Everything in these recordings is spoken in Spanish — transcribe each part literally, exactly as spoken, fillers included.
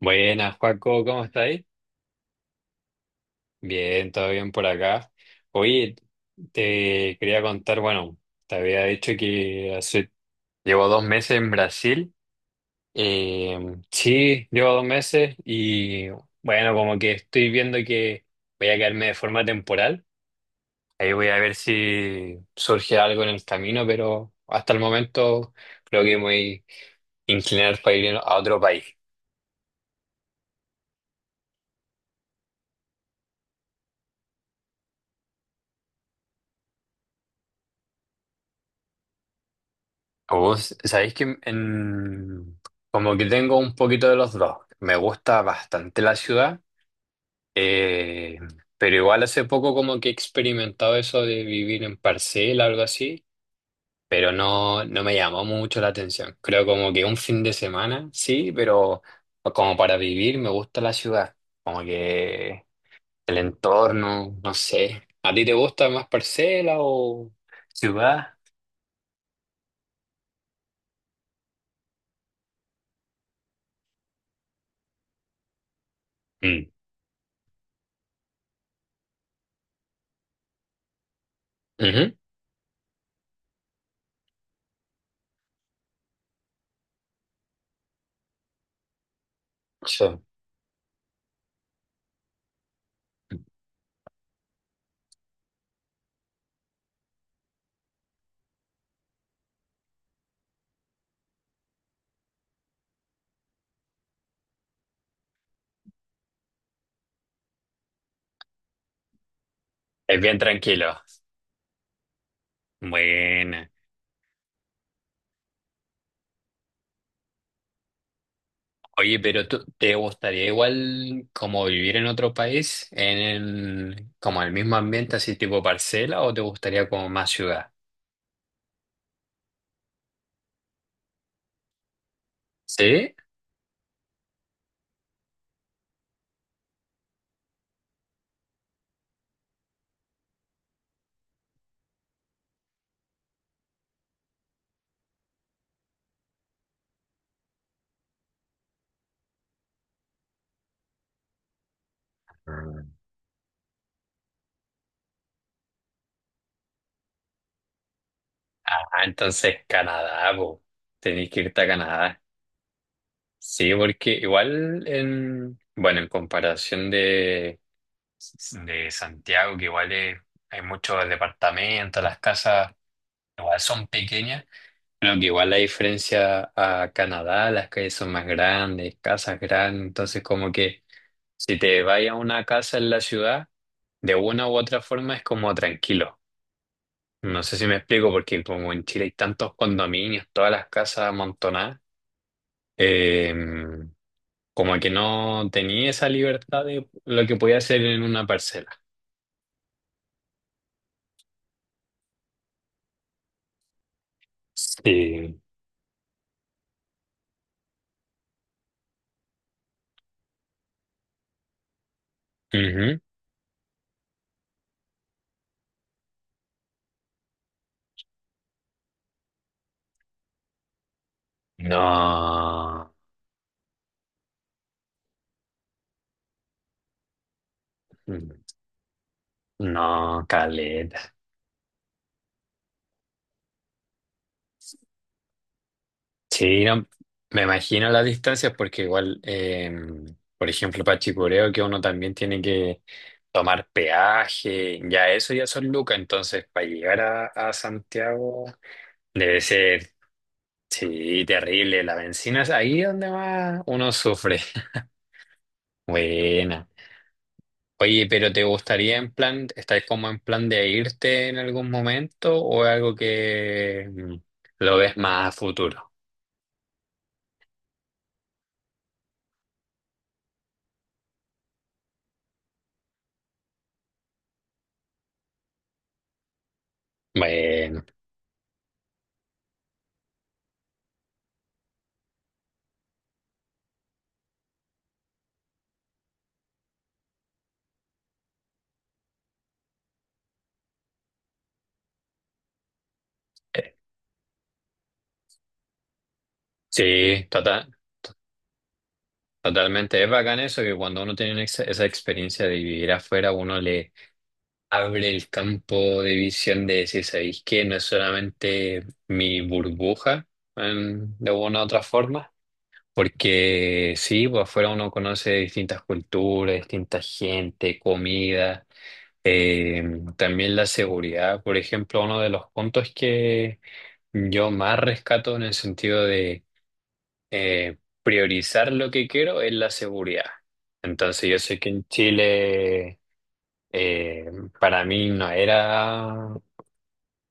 Buenas, Joaco, ¿cómo estáis? Bien, todo bien por acá. Oye, te quería contar, bueno, te había dicho que hace, llevo dos meses en Brasil. Eh, sí, llevo dos meses y bueno, como que estoy viendo que voy a quedarme de forma temporal. Ahí voy a ver si surge algo en el camino, pero hasta el momento creo que me voy a inclinar para ir a otro país. Oh, s- sabéis que en- como que tengo un poquito de los dos. Me gusta bastante la ciudad, eh, pero igual hace poco como que he experimentado eso de vivir en parcela, algo así, pero no, no me llamó mucho la atención. Creo como que un fin de semana, sí, pero como para vivir me gusta la ciudad, como que el entorno, no sé. ¿A ti te gusta más parcela o ciudad? Mm. Ujú. Sí. Es bien tranquilo. Buena. Oye, pero tú, ¿te gustaría igual como vivir en otro país, en el, como el mismo ambiente, así tipo parcela, o te gustaría como más ciudad? ¿Sí? Mm. Ah, entonces Canadá, po. Tenés que irte a Canadá. Sí, porque igual en, bueno, en comparación de, de Santiago, que igual es- hay muchos departamentos, las casas igual son pequeñas. Bueno, que igual la diferencia a Canadá, las calles son más grandes, casas grandes, entonces como que si te vas a una casa en la ciudad, de una u otra forma es como tranquilo. No sé si me explico, porque como en Chile hay tantos condominios, todas las casas amontonadas, eh, como que no tenía esa libertad de lo que podía hacer en una parcela. Sí. Ujú. No, no, caleta. Sí, no, me imagino las distancias porque igual, eh, por ejemplo, para Chicureo que uno también tiene que tomar peaje, ya eso ya son lucas, entonces para llegar a, a Santiago debe ser, sí, terrible, la bencina es ahí donde más uno sufre. Buena. Oye, pero ¿te gustaría en plan, estáis como en plan de irte en algún momento o es algo que mm, lo ves más a futuro? Bueno. eh, Sí, totalmente, es bacán eso, que cuando uno tiene una ex- esa experiencia de vivir afuera, uno le abre el campo de visión de decir, ¿sabéis qué? No es solamente mi burbuja, en- de una u otra forma, porque sí, pues afuera uno conoce distintas culturas, distintas gente, comida, eh, también la seguridad, por ejemplo, uno de los puntos que yo más rescato en el sentido de eh, priorizar lo que quiero es la seguridad. Entonces yo sé que en Chile eh, para mí no era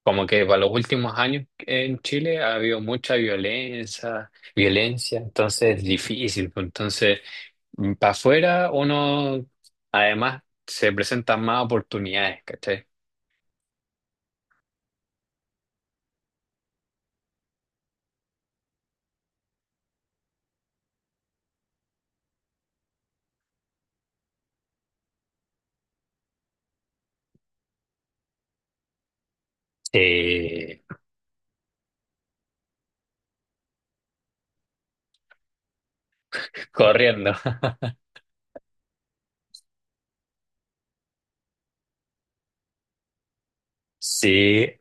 como que para los últimos años en Chile ha habido mucha violencia, violencia, entonces es difícil, pues. Entonces para afuera uno además se presentan más oportunidades, ¿cachai? Eh, Corriendo. Sí,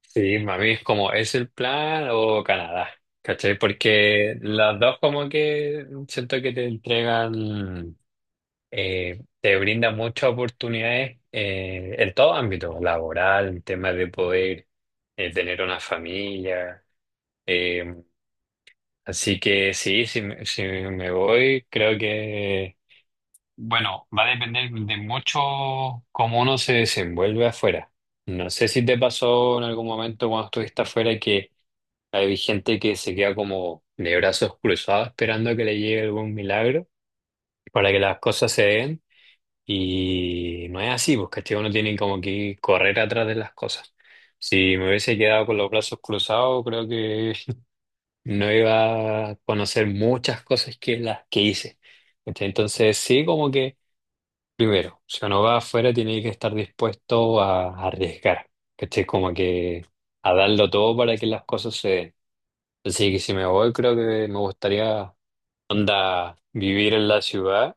sí, a mí es como, ¿es el plan o Canadá? ¿Cachai? Porque las dos como que siento que te entregan, eh, te brindan muchas oportunidades eh, en todo ámbito, laboral, en temas de poder eh, tener una familia. eh, Así que sí, si, me- si me voy, creo que, bueno, va a depender de mucho cómo uno se desenvuelve afuera. No sé si te pasó en algún momento cuando estuviste afuera que hay gente que se queda como de brazos cruzados esperando a que le llegue algún milagro para que las cosas se den y no es así, pues, ¿cachai? Uno tiene como que correr atrás de las cosas. Si me hubiese quedado con los brazos cruzados, creo que no iba a conocer muchas cosas que las que hice. ¿Cachai? Entonces sí, como que primero, si uno va afuera tiene que estar dispuesto a arriesgar, ¿cachai? Como que a darlo todo para que las cosas se den. Así que si me voy, creo que me gustaría, onda, vivir en la ciudad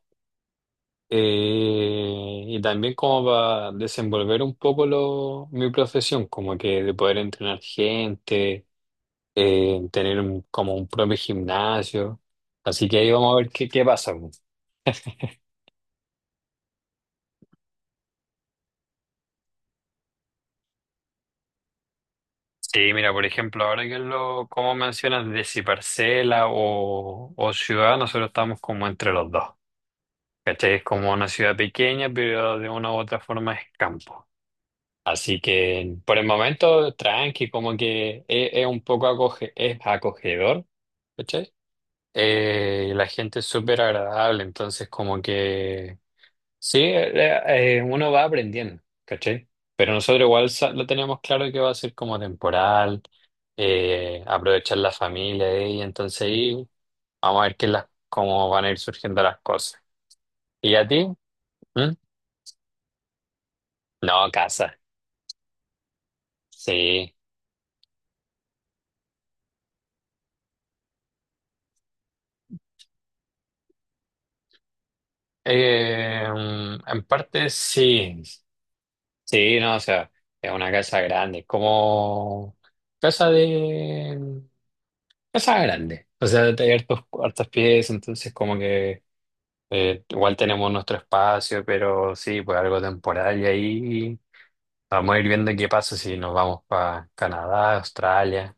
eh, y también como para desenvolver un poco lo, mi profesión, como que de poder entrenar gente, eh, tener un- como un propio gimnasio. Así que ahí vamos a ver qué, qué pasa, po. Sí, mira, por ejemplo, ahora que lo, como mencionas, de si parcela o, o ciudad, nosotros estamos como entre los dos. ¿Cachai? Es como una ciudad pequeña, pero de una u otra forma es campo. Así que por el momento, tranqui, como que es, es un poco acoge- es acogedor, ¿cachai? Eh, y la gente es súper agradable, entonces como que sí, eh, eh, uno va aprendiendo, ¿cachai? Pero nosotros igual sa- lo teníamos claro que va a ser como temporal, eh, aprovechar la familia eh, y entonces ahí vamos a ver qué las, cómo van a ir surgiendo las cosas. ¿Y a ti? ¿Mm? No, casa, sí. Eh, en parte sí, sí, no, o sea, es una casa grande, como casa de casa grande, o sea, hay hartos, hartas piezas, entonces como que eh, igual tenemos nuestro espacio, pero sí, pues algo temporal y ahí vamos a ir viendo qué pasa si nos vamos para Canadá, Australia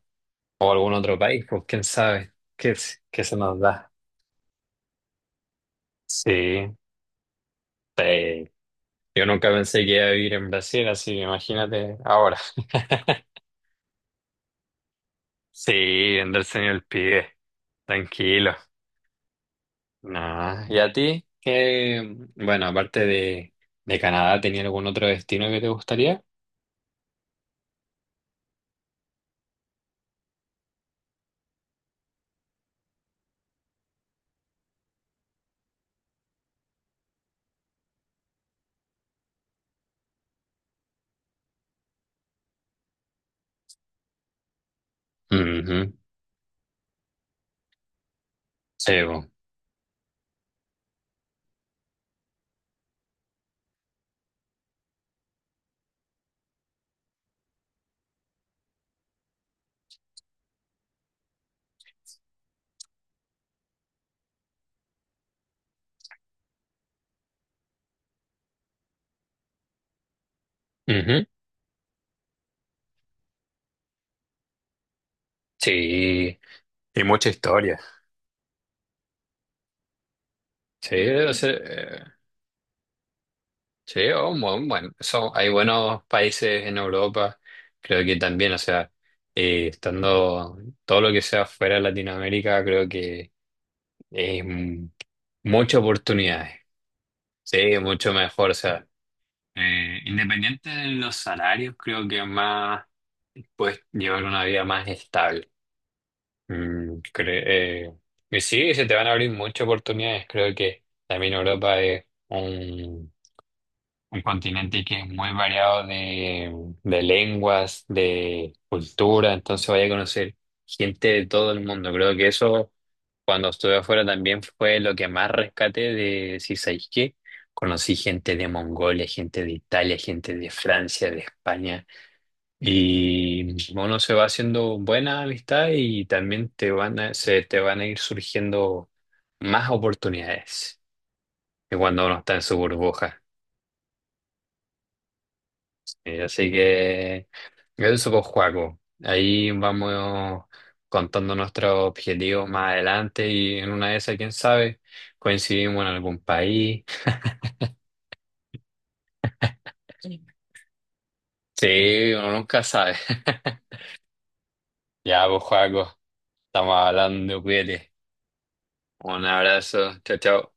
o algún otro país, pues quién sabe qué, qué se nos da. Sí. Sí, yo nunca pensé que iba a vivir en Brasil, así que imagínate ahora. Sí, andarse en el pibe, tranquilo. No. ¿Y a ti? ¿Qué, bueno, aparte de, de Canadá, tenía algún otro destino que te gustaría? Ujú. Sí, bo. Ujú. Sí, y mucha historia. Sí, o sea, eh, sí, oh, bueno, bueno, son- hay buenos países en Europa, creo que también, o sea, eh, estando todo lo que sea fuera de Latinoamérica, creo que Eh, muchas oportunidades, sí, mucho mejor. O sea, eh, independiente de los salarios, creo que más puedes llevar una vida más estable. Mm, cre- eh, y sí, se te van a abrir muchas oportunidades. Creo que también Europa es un continente que es muy variado de, de lenguas, de cultura, entonces vaya a conocer gente de todo el mundo. Creo que eso, cuando estuve afuera, también fue lo que más rescaté de si sabéis qué. Conocí gente de Mongolia, gente de Italia, gente de Francia, de España. Y uno se va haciendo buena amistad y también te van a, se te van a ir surgiendo más oportunidades que cuando uno está en su burbuja. Eh, Así que eso, pues, Joaco. Ahí vamos contando nuestros objetivos más adelante y en una de esas, quién sabe, coincidimos en algún país. Sí, uno nunca sabe. Ya, pues, Joaco, estamos hablando, cuídate. Un abrazo, chao, chao.